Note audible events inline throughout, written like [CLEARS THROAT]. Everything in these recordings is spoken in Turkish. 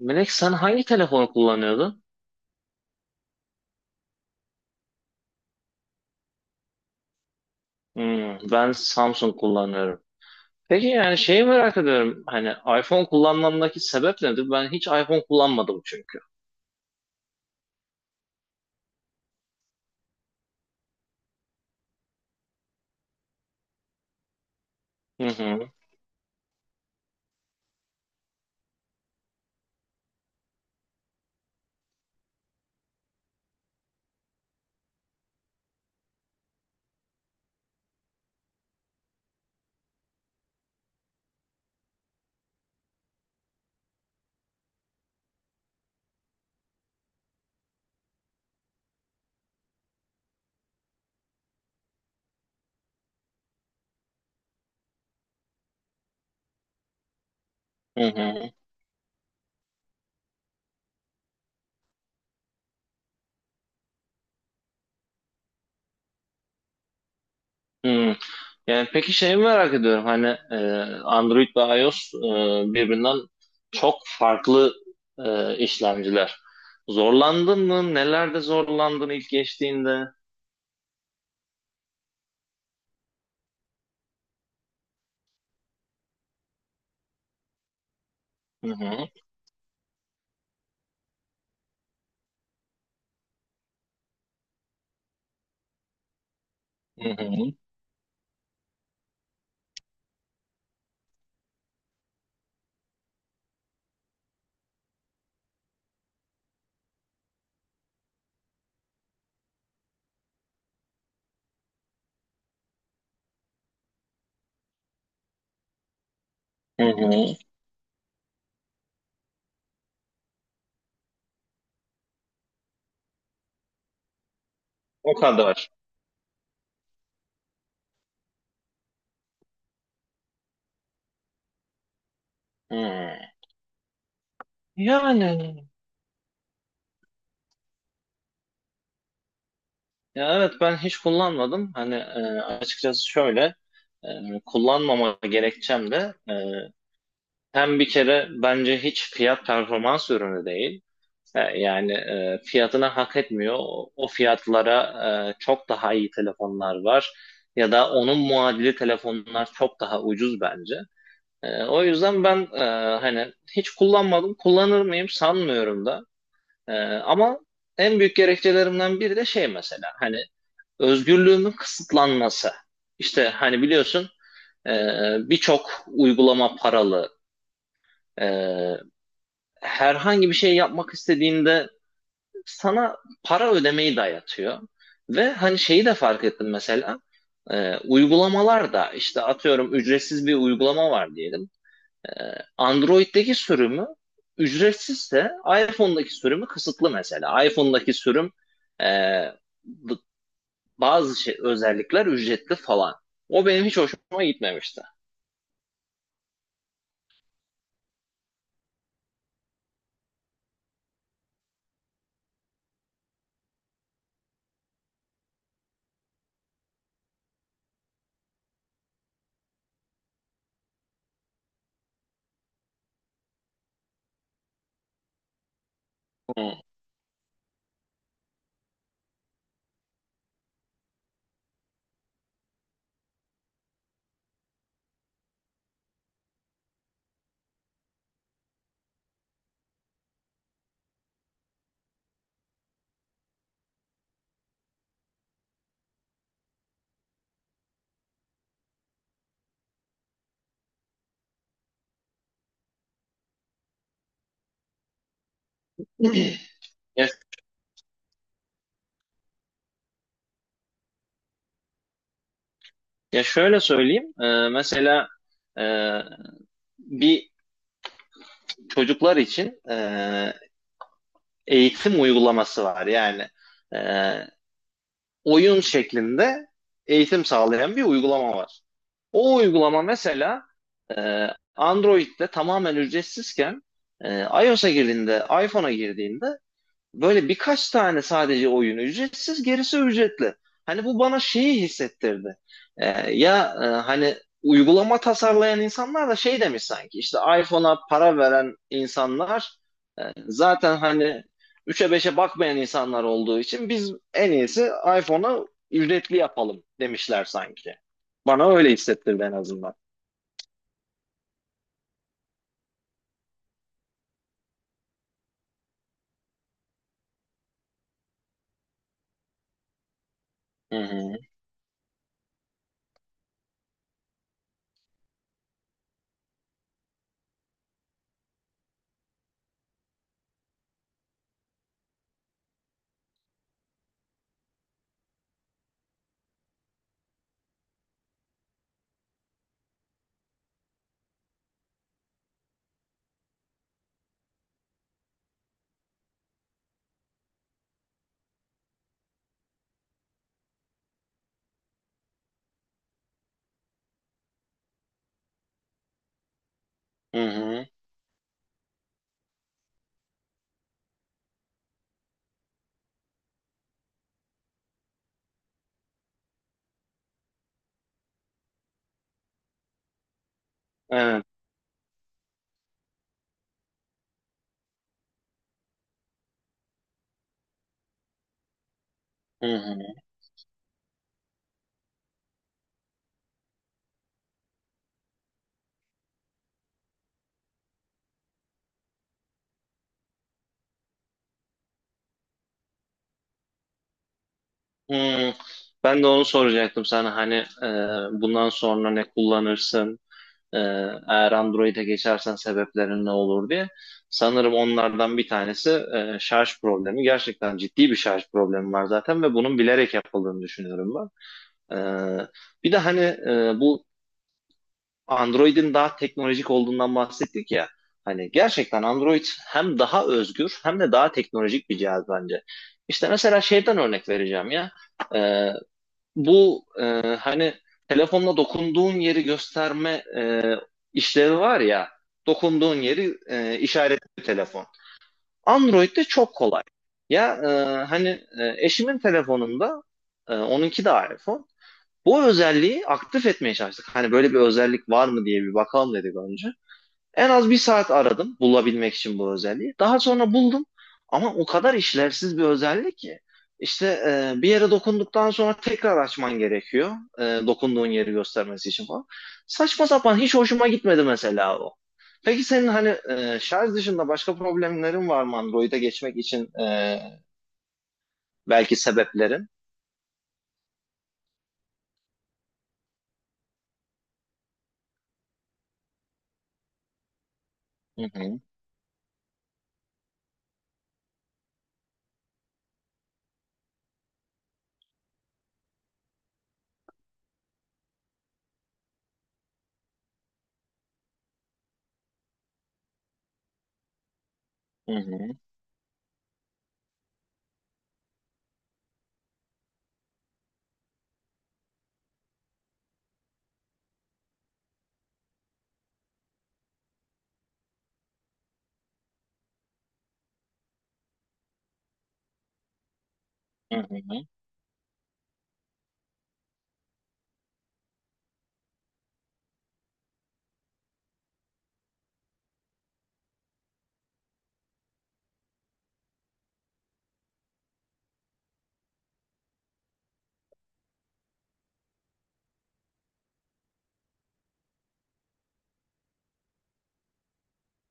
Melek, sen hangi telefonu kullanıyordun? Hmm, ben Samsung kullanıyorum. Peki, yani şeyi merak ediyorum. Hani iPhone kullanmamdaki sebep nedir? Ben hiç iPhone kullanmadım çünkü. Hı hı, hı hı, hı. Yani peki şeyi merak ediyorum. Hani Android ve iOS birbirinden çok farklı işlemciler. Zorlandın mı? Nelerde zorlandın ilk geçtiğinde? Hı hı, hı hı, hı hı. O kadar. Hı. Yani, ya evet ben hiç kullanmadım. Hani açıkçası şöyle e, kullanmama gerekçem de hem bir kere bence hiç fiyat performans ürünü değil. Yani fiyatına hak etmiyor. O fiyatlara çok daha iyi telefonlar var. Ya da onun muadili telefonlar çok daha ucuz bence. O yüzden ben hani hiç kullanmadım. Kullanır mıyım sanmıyorum da. Ama en büyük gerekçelerimden biri de şey mesela. Hani özgürlüğümün kısıtlanması. İşte hani biliyorsun e, birçok uygulama paralı. E, herhangi bir şey yapmak istediğinde sana para ödemeyi dayatıyor. Ve hani şeyi de fark ettim mesela. Uygulamalar da işte atıyorum ücretsiz bir uygulama var diyelim. E, Android'deki sürümü ücretsizse iPhone'daki sürümü kısıtlı mesela. iPhone'daki sürüm e, bazı şey, özellikler ücretli falan. O benim hiç hoşuma gitmemişti. Hmm. [CLEARS THROAT] [LAUGHS] Ya, ya şöyle söyleyeyim. Mesela e, bir çocuklar için eğitim uygulaması var. Yani e, oyun şeklinde eğitim sağlayan bir uygulama var. O uygulama mesela e, Android'de tamamen ücretsizken iOS'a girdiğinde, iPhone'a girdiğinde böyle birkaç tane sadece oyun ücretsiz, gerisi ücretli. Hani bu bana şeyi hissettirdi. Ya hani uygulama tasarlayan insanlar da şey demiş sanki, işte iPhone'a para veren insanlar e, zaten hani 3'e beşe bakmayan insanlar olduğu için biz en iyisi iPhone'a ücretli yapalım demişler sanki. Bana öyle hissettirdi en azından. Hı hı, hı hı, evet, hı hı. Hmm, ben de onu soracaktım sana, hani e, bundan sonra ne kullanırsın, e, eğer Android'e geçersen sebeplerin ne olur diye. Sanırım onlardan bir tanesi şarj problemi. Gerçekten ciddi bir şarj problemi var zaten ve bunun bilerek yapıldığını düşünüyorum ben. E, bir de hani bu Android'in daha teknolojik olduğundan bahsettik ya. Hani gerçekten Android hem daha özgür hem de daha teknolojik bir cihaz bence. İşte mesela şeyden örnek vereceğim ya. E, bu hani telefonla dokunduğun yeri gösterme e, işlevi var ya, dokunduğun yeri işaretli telefon. Android'de çok kolay. Ya hani eşimin telefonunda onunki de iPhone. Bu özelliği aktif etmeye çalıştık. Hani böyle bir özellik var mı diye bir bakalım dedik önce. En az bir saat aradım bulabilmek için bu özelliği. Daha sonra buldum ama o kadar işlevsiz bir özellik ki. İşte bir yere dokunduktan sonra tekrar açman gerekiyor. Dokunduğun yeri göstermesi için falan. Saçma sapan, hiç hoşuma gitmedi mesela o. Peki senin, hani şarj dışında başka problemlerin var mı Android'e geçmek için, belki sebeplerin? Hı hı, hı hı, hı hı,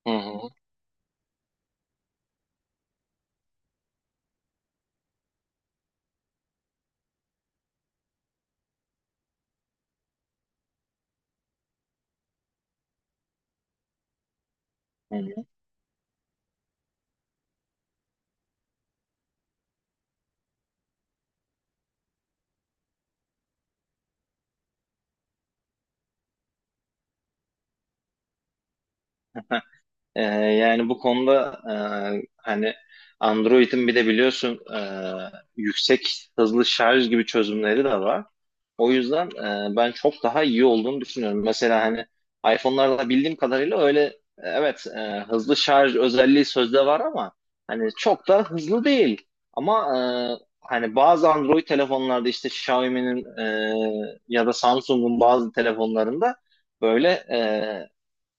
hı hı, hı hı. Yani bu konuda hani Android'in bir de biliyorsun yüksek hızlı şarj gibi çözümleri de var. O yüzden ben çok daha iyi olduğunu düşünüyorum. Mesela hani iPhone'larda bildiğim kadarıyla öyle evet, hızlı şarj özelliği sözde var ama hani çok da hızlı değil. Ama hani bazı Android telefonlarda işte Xiaomi'nin ya da Samsung'un bazı telefonlarında böyle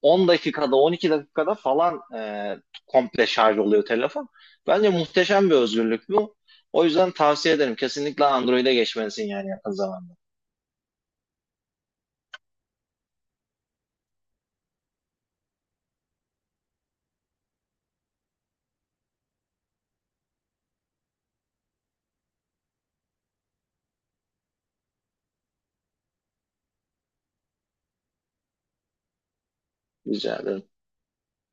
10 dakikada 12 dakikada falan komple şarj oluyor telefon. Bence muhteşem bir özgürlük bu. O yüzden tavsiye ederim. Kesinlikle Android'e geçmelisin yani, yakın zamanda. Rica ederim.